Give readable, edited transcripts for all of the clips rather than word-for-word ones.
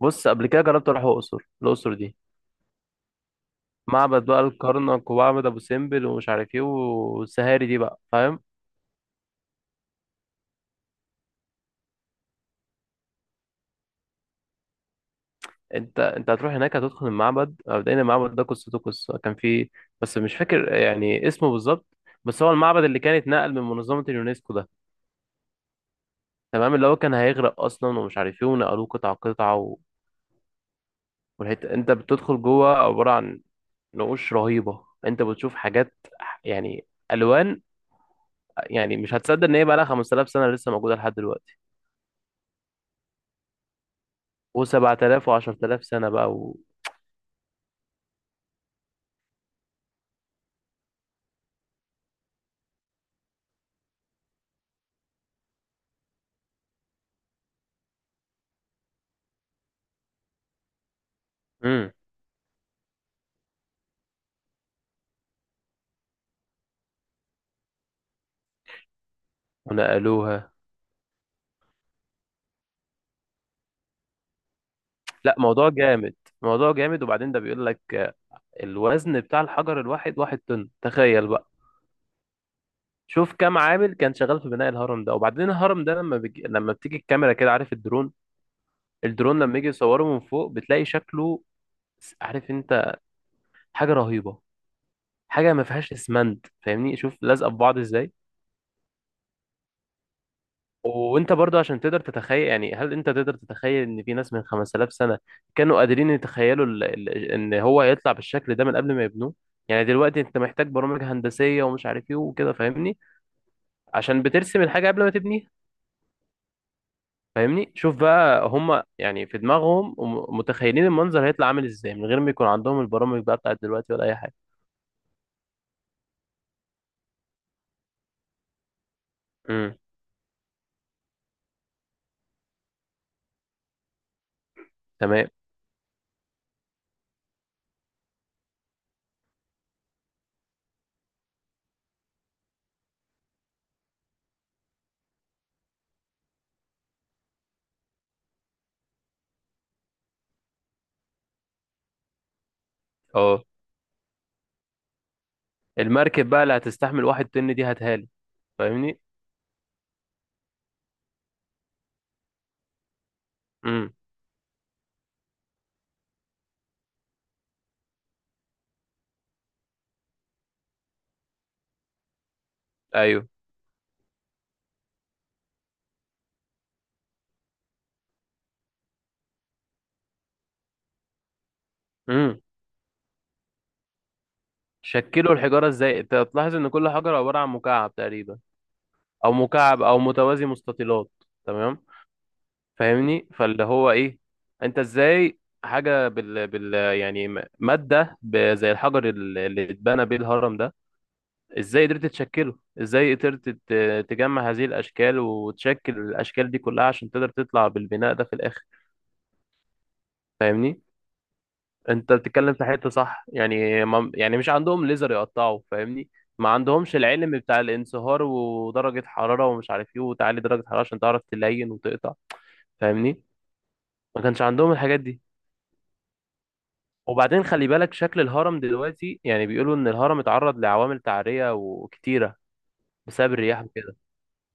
بص، قبل كده جربت اروح الاقصر. الاقصر دي معبد بقى الكرنك ومعبد ابو سمبل ومش عارف ايه والسهاري دي بقى، فاهم؟ انت هتروح هناك، هتدخل المعبد. مبدئيا المعبد ده قصته كان فيه، بس مش فاكر يعني اسمه بالظبط. بس هو المعبد اللي كان اتنقل من منظمه اليونسكو ده. تمام اللي هو كان هيغرق اصلا ومش عارف ايه ونقلوه قطعه قطعه والحته انت بتدخل جوه عباره عن نقوش رهيبه. انت بتشوف حاجات، يعني الوان، يعني مش هتصدق ان هي بقى لها 5000 سنه لسه موجوده لحد دلوقتي. و7000 و10000 سنة بقى مم. ونقلوها. لا، موضوع جامد. موضوع جامد. وبعدين ده بيقول لك، الوزن بتاع الحجر الواحد 1 طن، تخيل بقى. شوف كم عامل كان شغال في بناء الهرم ده. وبعدين الهرم ده لما بتيجي الكاميرا كده، عارف الدرون، الدرون لما يجي يصوره من فوق بتلاقي شكله، عارف انت، حاجة رهيبة. حاجة ما فيهاش اسمنت، فاهمني؟ شوف لازقة في بعض ازاي. وانت برضو عشان تقدر تتخيل، يعني هل انت تقدر تتخيل ان في ناس من 5000 سنة كانوا قادرين يتخيلوا ان هو يطلع بالشكل ده من قبل ما يبنوه؟ يعني دلوقتي انت محتاج برامج هندسية ومش عارف ايه وكده، فاهمني؟ عشان بترسم الحاجة قبل ما تبنيها. فاهمني؟ شوف بقى هم، يعني في دماغهم وم- متخيلين المنظر هيطلع عامل ازاي من غير ما يكون عندهم البرامج بقى بتاعت دلوقتي ولا اي حاجة. امم. تمام. اه. المركب بقى اللي هتستحمل 1 طن دي هتهالي. فاهمني؟ امم. ايوه. امم. شكلوا الحجارة ازاي؟ انت هتلاحظ ان كل حجر عبارة عن مكعب تقريبا. او مكعب او متوازي مستطيلات. تمام. فاهمني؟ فاللي هو ايه، انت ازاي حاجة بال، يعني مادة زي الحجر اللي اتبنى بيه الهرم ده، ازاي قدرت تشكله؟ ازاي قدرت تجمع هذه الاشكال وتشكل الاشكال دي كلها عشان تقدر تطلع بالبناء ده في الاخر؟ فاهمني؟ انت بتتكلم في حته صح، يعني ما، يعني مش عندهم ليزر يقطعوا، فاهمني؟ ما عندهمش العلم بتاع الانصهار ودرجه حراره ومش عارف ايه، وتعلي درجه حراره عشان تعرف تلين وتقطع. فاهمني؟ ما كانش عندهم الحاجات دي. وبعدين خلي بالك شكل الهرم دلوقتي، يعني بيقولوا ان الهرم اتعرض لعوامل تعريه وكتيره بسبب الرياح وكده.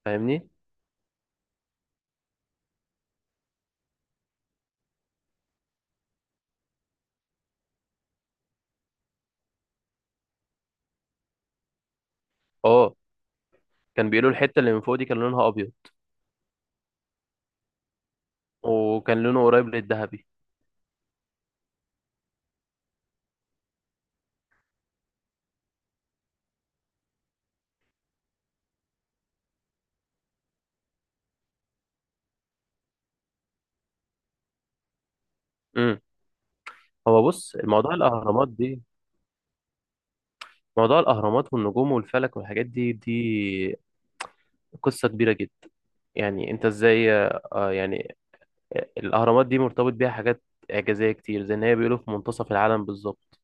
فاهمني؟ اه. كان بيقولوا الحته اللي من فوق دي كان لونها ابيض، وكان لونه قريب للذهبي. امم. هو بص، موضوع الاهرامات دي، موضوع الأهرامات والنجوم والفلك والحاجات دي دي قصة كبيرة جدا. يعني انت ازاي، يعني الاهرامات دي مرتبط بيها حاجات اعجازية كتير، زي ان هي بيقولوا في منتصف العالم بالظبط.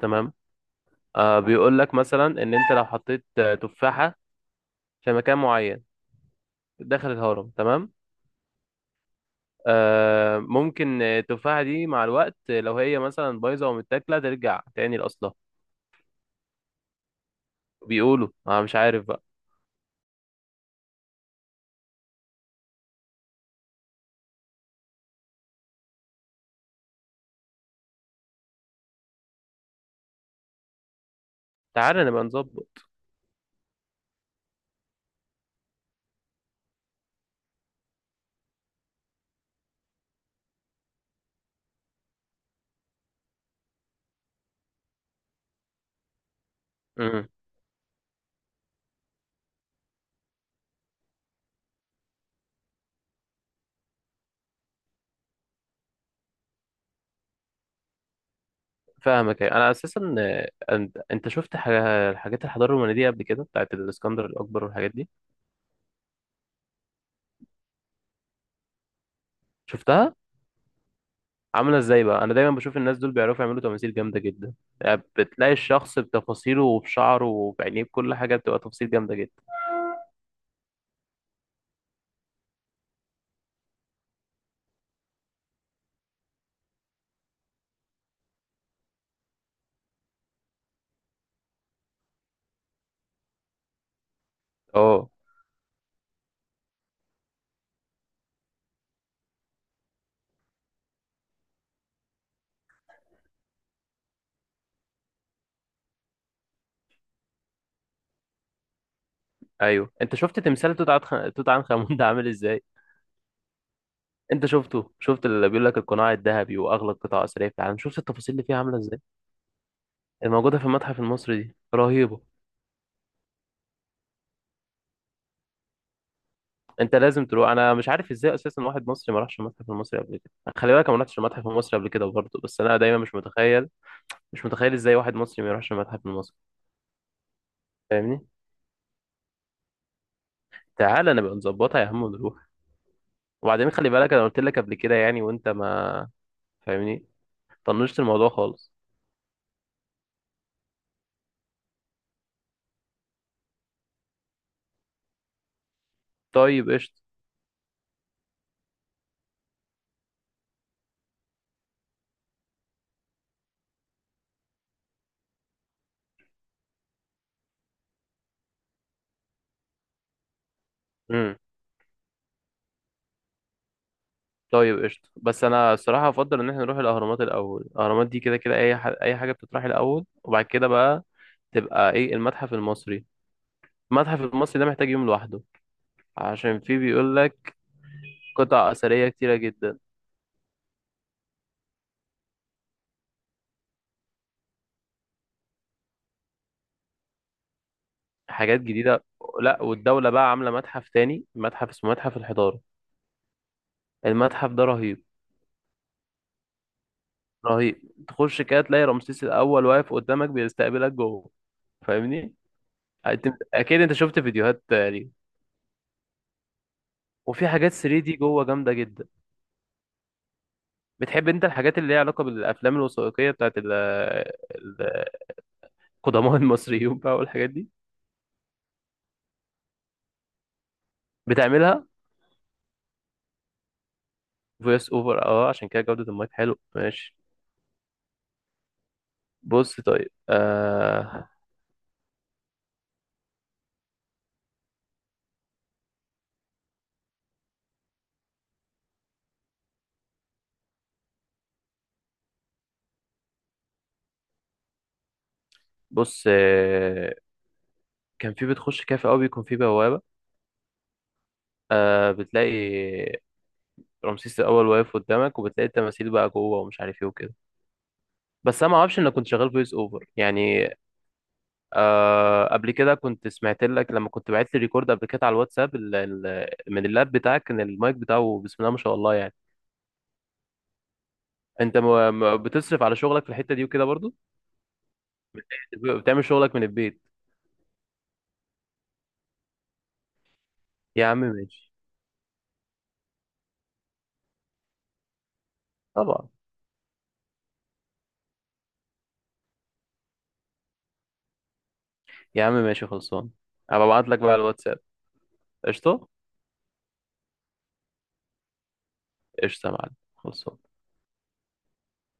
تمام. آه، بيقول لك مثلا ان انت لو حطيت، تفاحة في مكان معين داخل الهرم، تمام، آه، ممكن، التفاحة دي مع الوقت، لو هي مثلا بايظة ومتاكلة ترجع تاني لأصلها. بيقولوا، انا مش عارف بقى. تعالى نبقى نظبط. امم. فاهمك أيوة. انا اساسا، انت شفت حاجات الحضارة الرومانية دي قبل كده بتاعت الاسكندر الاكبر والحاجات دي؟ شفتها عامله ازاي بقى؟ انا دايما بشوف الناس دول بيعرفوا يعملوا تماثيل جامده جدا. يعني بتلاقي الشخص بتفاصيله وبشعره وبعينيه، بكل حاجه بتبقى تفاصيل جامده جدا. اه. ايوت انت شفت تمثال توت عنخ امون ده عامل ازاي؟ انت شفته؟ شفت اللي بيقول لك القناع الذهبي واغلى قطع اثريه في العالم؟ شفت التفاصيل اللي فيها عامله ازاي؟ الموجوده في المتحف المصري دي رهيبه. انت لازم تروح. انا مش عارف ازاي اساسا واحد مصري ما راحش المتحف المصري قبل كده. خلي بالك انا ما رحتش المتحف المصري قبل كده برضه، بس انا دايما مش متخيل، مش متخيل ازاي واحد مصري ما يروحش المتحف المصري. فاهمني؟ تعالى نبقى نظبطها يا عم ونروح. وبعدين خلي بالك انا قلت لك قبل كده، يعني وانت ما، فاهمني، طنشت الموضوع خالص. طيب قشطة. امم. طيب قشطة. بس انا الصراحة افضل ان احنا نروح الاهرامات الاول. الاهرامات دي كده كده اي حاجة بتطرح الاول، وبعد كده بقى تبقى ايه المتحف المصري. المتحف المصري ده محتاج يوم لوحده، عشان فيه بيقول لك قطع اثرية كتيرة جدا. حاجات جديدة. لا، والدولة بقى عاملة متحف تاني، متحف اسمه متحف الحضارة. المتحف ده رهيب. رهيب. تخش كده تلاقي رمسيس الاول واقف قدامك بيستقبلك جوه. فاهمني؟ اكيد انت شفت فيديوهات ليه. وفي حاجات 3D دي جوه جامده جدا. بتحب انت الحاجات اللي ليها علاقه بالافلام الوثائقيه بتاعت ال- القدماء المصريين بقى والحاجات دي. بتعملها فويس اوفر؟ اه، عشان كده جوده المايك حلو، ماشي. بص طيب. بص، كان في، بتخش كافي قوي بيكون في بوابه. آه، بتلاقي رمسيس الأول واقف قدامك، وبتلاقي التماثيل بقى جوه ومش عارف ايه وكده. بس انا ما اعرفش انك كنت شغال فويس اوفر يعني. آه، قبل كده كنت سمعت لك لما كنت بعت لي ريكورد قبل كده على الواتساب من اللاب بتاعك، كان المايك بتاعه بسم الله ما شاء الله يعني. انت بتصرف على شغلك في الحتة دي وكده برضو. بتعمل شغلك من البيت. يا عم ماشي. طبعا. يا عم ماشي، خلصان. هبقى ابعت لك بقى على الواتساب. قشطه. قشطه يا معلم، خلصان.